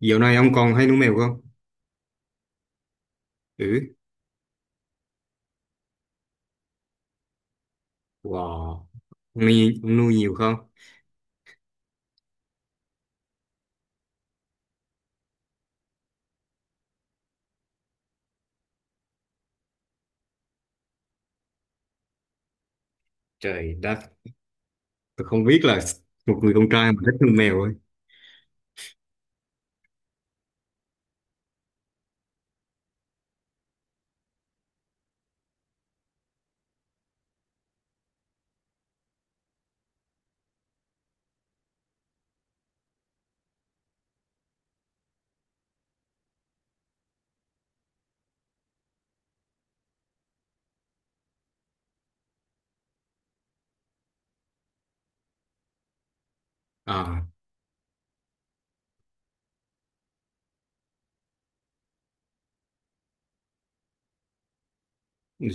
Dạo này ông còn hay nuôi mèo không? Ừ. Wow, ông nuôi nhiều không? Trời đất. Tôi không biết là một người con trai mà thích nuôi mèo ấy. À,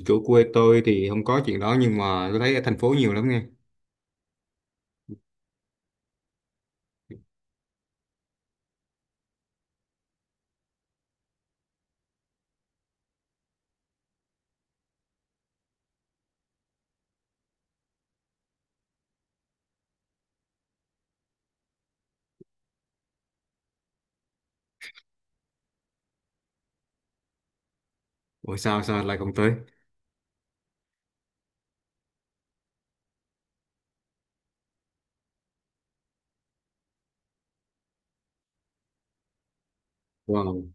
chỗ quê tôi thì không có chuyện đó, nhưng mà tôi thấy ở thành phố nhiều lắm nghe. Ủa, sao sao lại không tới? Wow.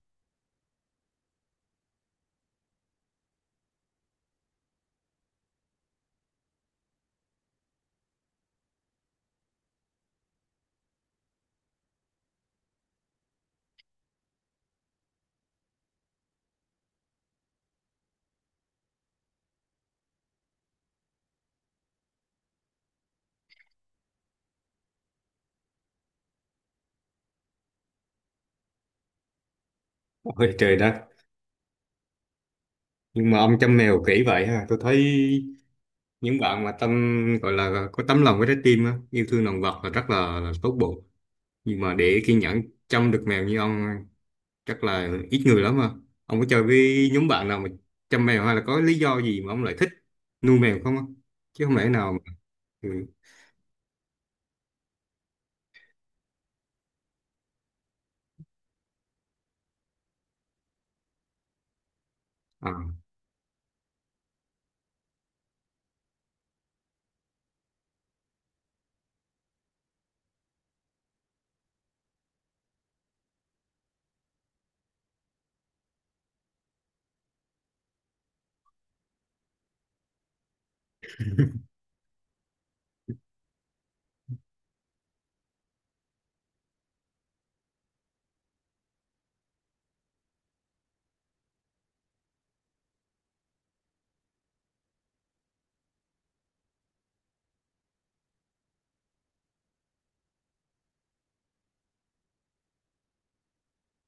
Ôi trời đất. Nhưng mà ông chăm mèo kỹ vậy ha. Tôi thấy những bạn mà tâm, gọi là có tấm lòng với trái tim á, yêu thương động vật là rất là tốt bụng. Nhưng mà để kiên nhẫn chăm được mèo như ông chắc là ít người lắm, mà ông có chơi với nhóm bạn nào mà chăm mèo, hay là có lý do gì mà ông lại thích nuôi mèo không á, chứ không lẽ nào mà... Ừ. À.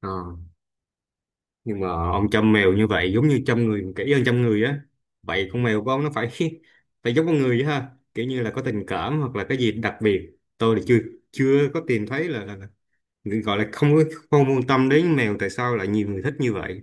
À. Nhưng mà ông chăm mèo như vậy giống như chăm người, kỹ hơn chăm người á. Vậy con mèo của ông nó phải phải giống con người vậy ha, kiểu như là có tình cảm hoặc là cái gì đặc biệt. Tôi thì chưa chưa có tìm thấy là gọi là không có, không quan tâm đến mèo, tại sao lại nhiều người thích như vậy?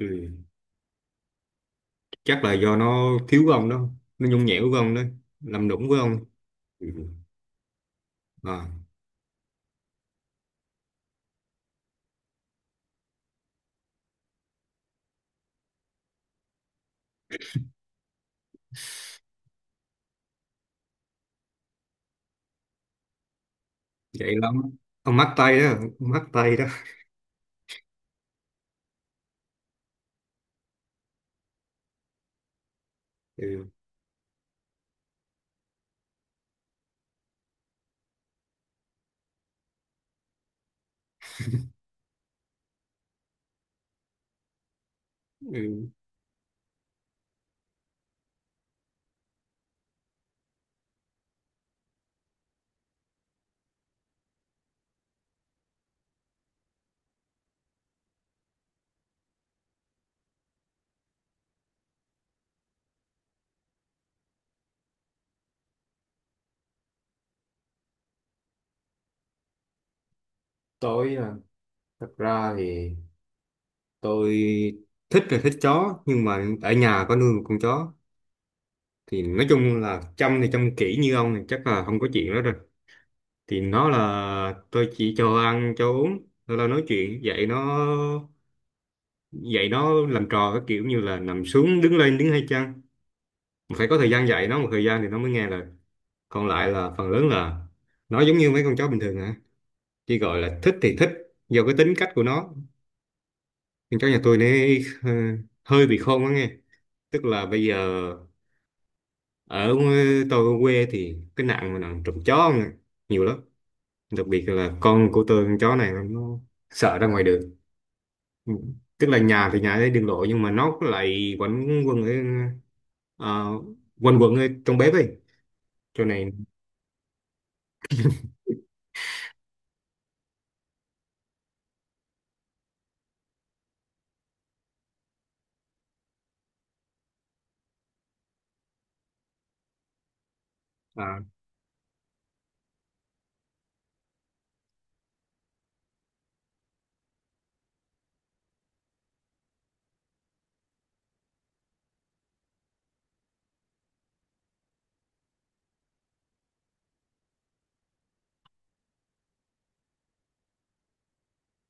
Ừ. Chắc là do nó thiếu của ông đó, nó nhung nhẽo với ông đó, làm đụng với ông. Ừ. À. Vậy lắm ông. Ông mắc tay đó ông mắc tay đó Ừ. Ừ. Tôi à, thật ra thì tôi thích, là thích chó, nhưng mà ở nhà có nuôi một con chó thì nói chung là chăm, thì chăm kỹ như ông thì chắc là không có chuyện đó rồi. Thì nó là tôi chỉ cho ăn cho uống rồi là nói chuyện dạy nó, dạy nó làm trò, cái kiểu như là nằm xuống, đứng lên, đứng hay chăng. Mà phải có thời gian dạy nó một thời gian thì nó mới nghe lời, còn lại là phần lớn là nó giống như mấy con chó bình thường hả, chỉ gọi là thích thì thích, do cái tính cách của nó. Nhưng cháu nhà tôi này hơi bị khôn quá nghe. Tức là bây giờ ở, tôi ở quê thì cái nạn mà nạn trộm chó nè, nhiều lắm. Đặc biệt là con của tôi, con chó này nó sợ ra ngoài đường. Ừ. Tức là nhà thì nhà ở đường lộ, nhưng mà nó lại quanh quẩn ở, ờ, quanh quẩn ở trong bếp ấy, cho này. À.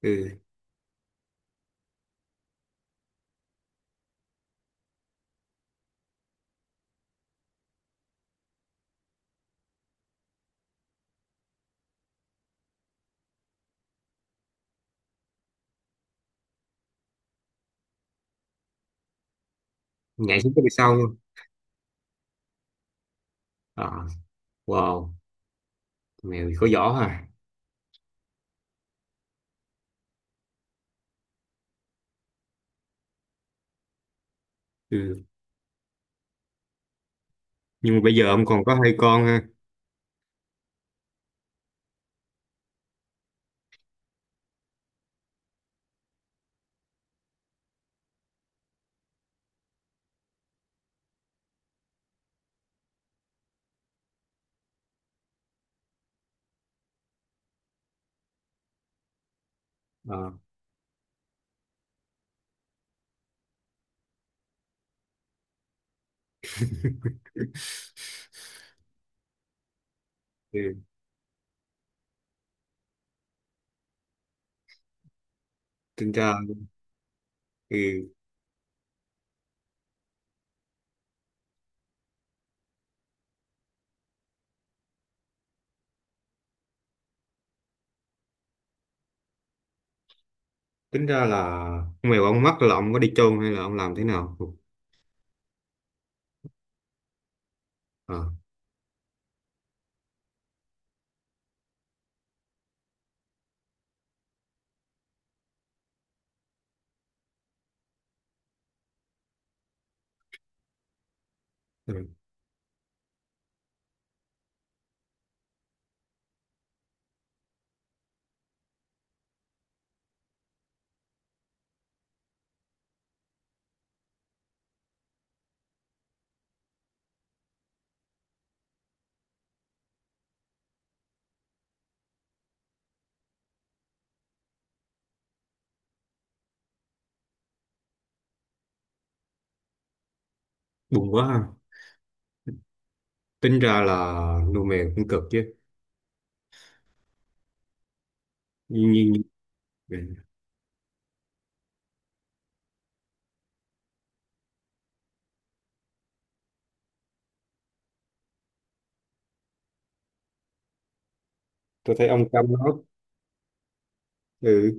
Ừ. Nhảy xuống cái bên sau luôn. À, wow, mèo thì có giỏ hả. Ừ. Nhưng mà bây giờ ông còn có hai con ha. À. Ừ. Tính ra. Ừ. Tính ra là con mèo ông mắc là ông có đi chôn hay là ông làm thế nào? À. Ừ. Buồn quá ha. Tính ra là nuôi mèo cũng cực chứ, nhưng nhưng. Ừ. Tôi thấy ông chăm nó. Ừ.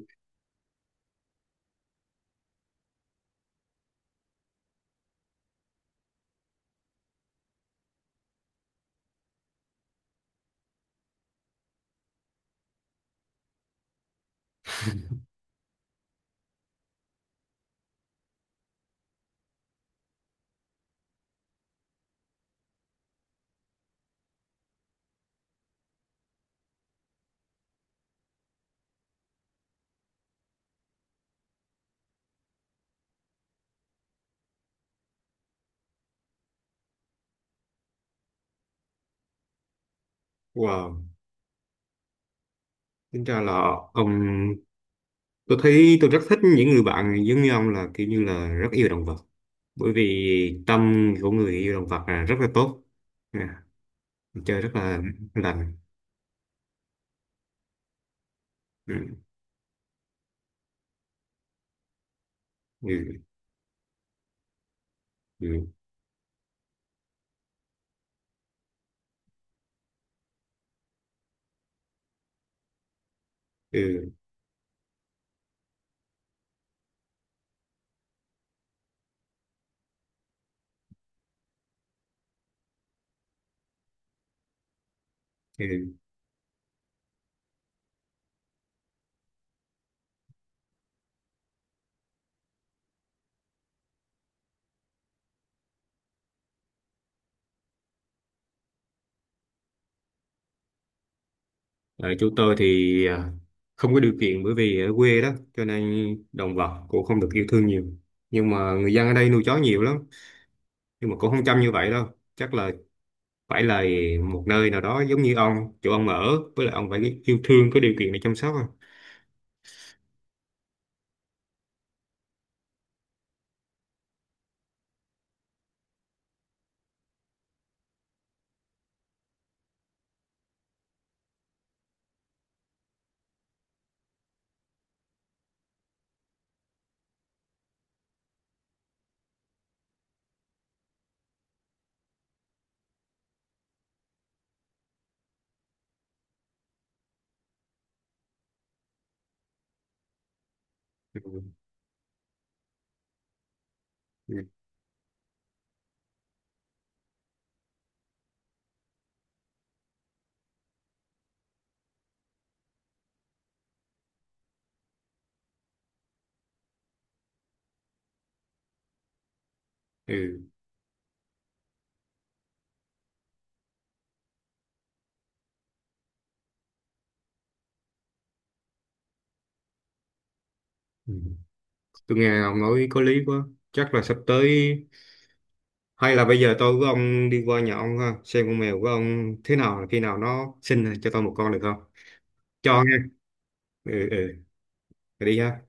Wow. Tính ra là ông, tôi thấy tôi rất thích những người bạn giống như ông, là kiểu như là rất yêu động vật, bởi vì tâm của người yêu động vật là rất là tốt. À. Chơi rất là lành. Ừ. Ừ. Ừ. Ừ. Ừ. Ở chỗ tôi thì à, không có điều kiện bởi vì ở quê đó, cho nên động vật cũng không được yêu thương nhiều. Nhưng mà người dân ở đây nuôi chó nhiều lắm, nhưng mà cũng không chăm như vậy đâu. Chắc là phải là một nơi nào đó giống như ông, chỗ ông ở, với lại ông phải yêu thương, có điều kiện để chăm sóc à. Ừ. Ừ. Ừ. Ừ. Tôi nghe ông nói có lý quá. Chắc là sắp tới, hay là bây giờ tôi với ông đi qua nhà ông ha, xem con mèo của ông thế nào, khi nào nó sinh cho tôi một con được không? Cho nghe. Ừ, ừ. Rồi đi ha.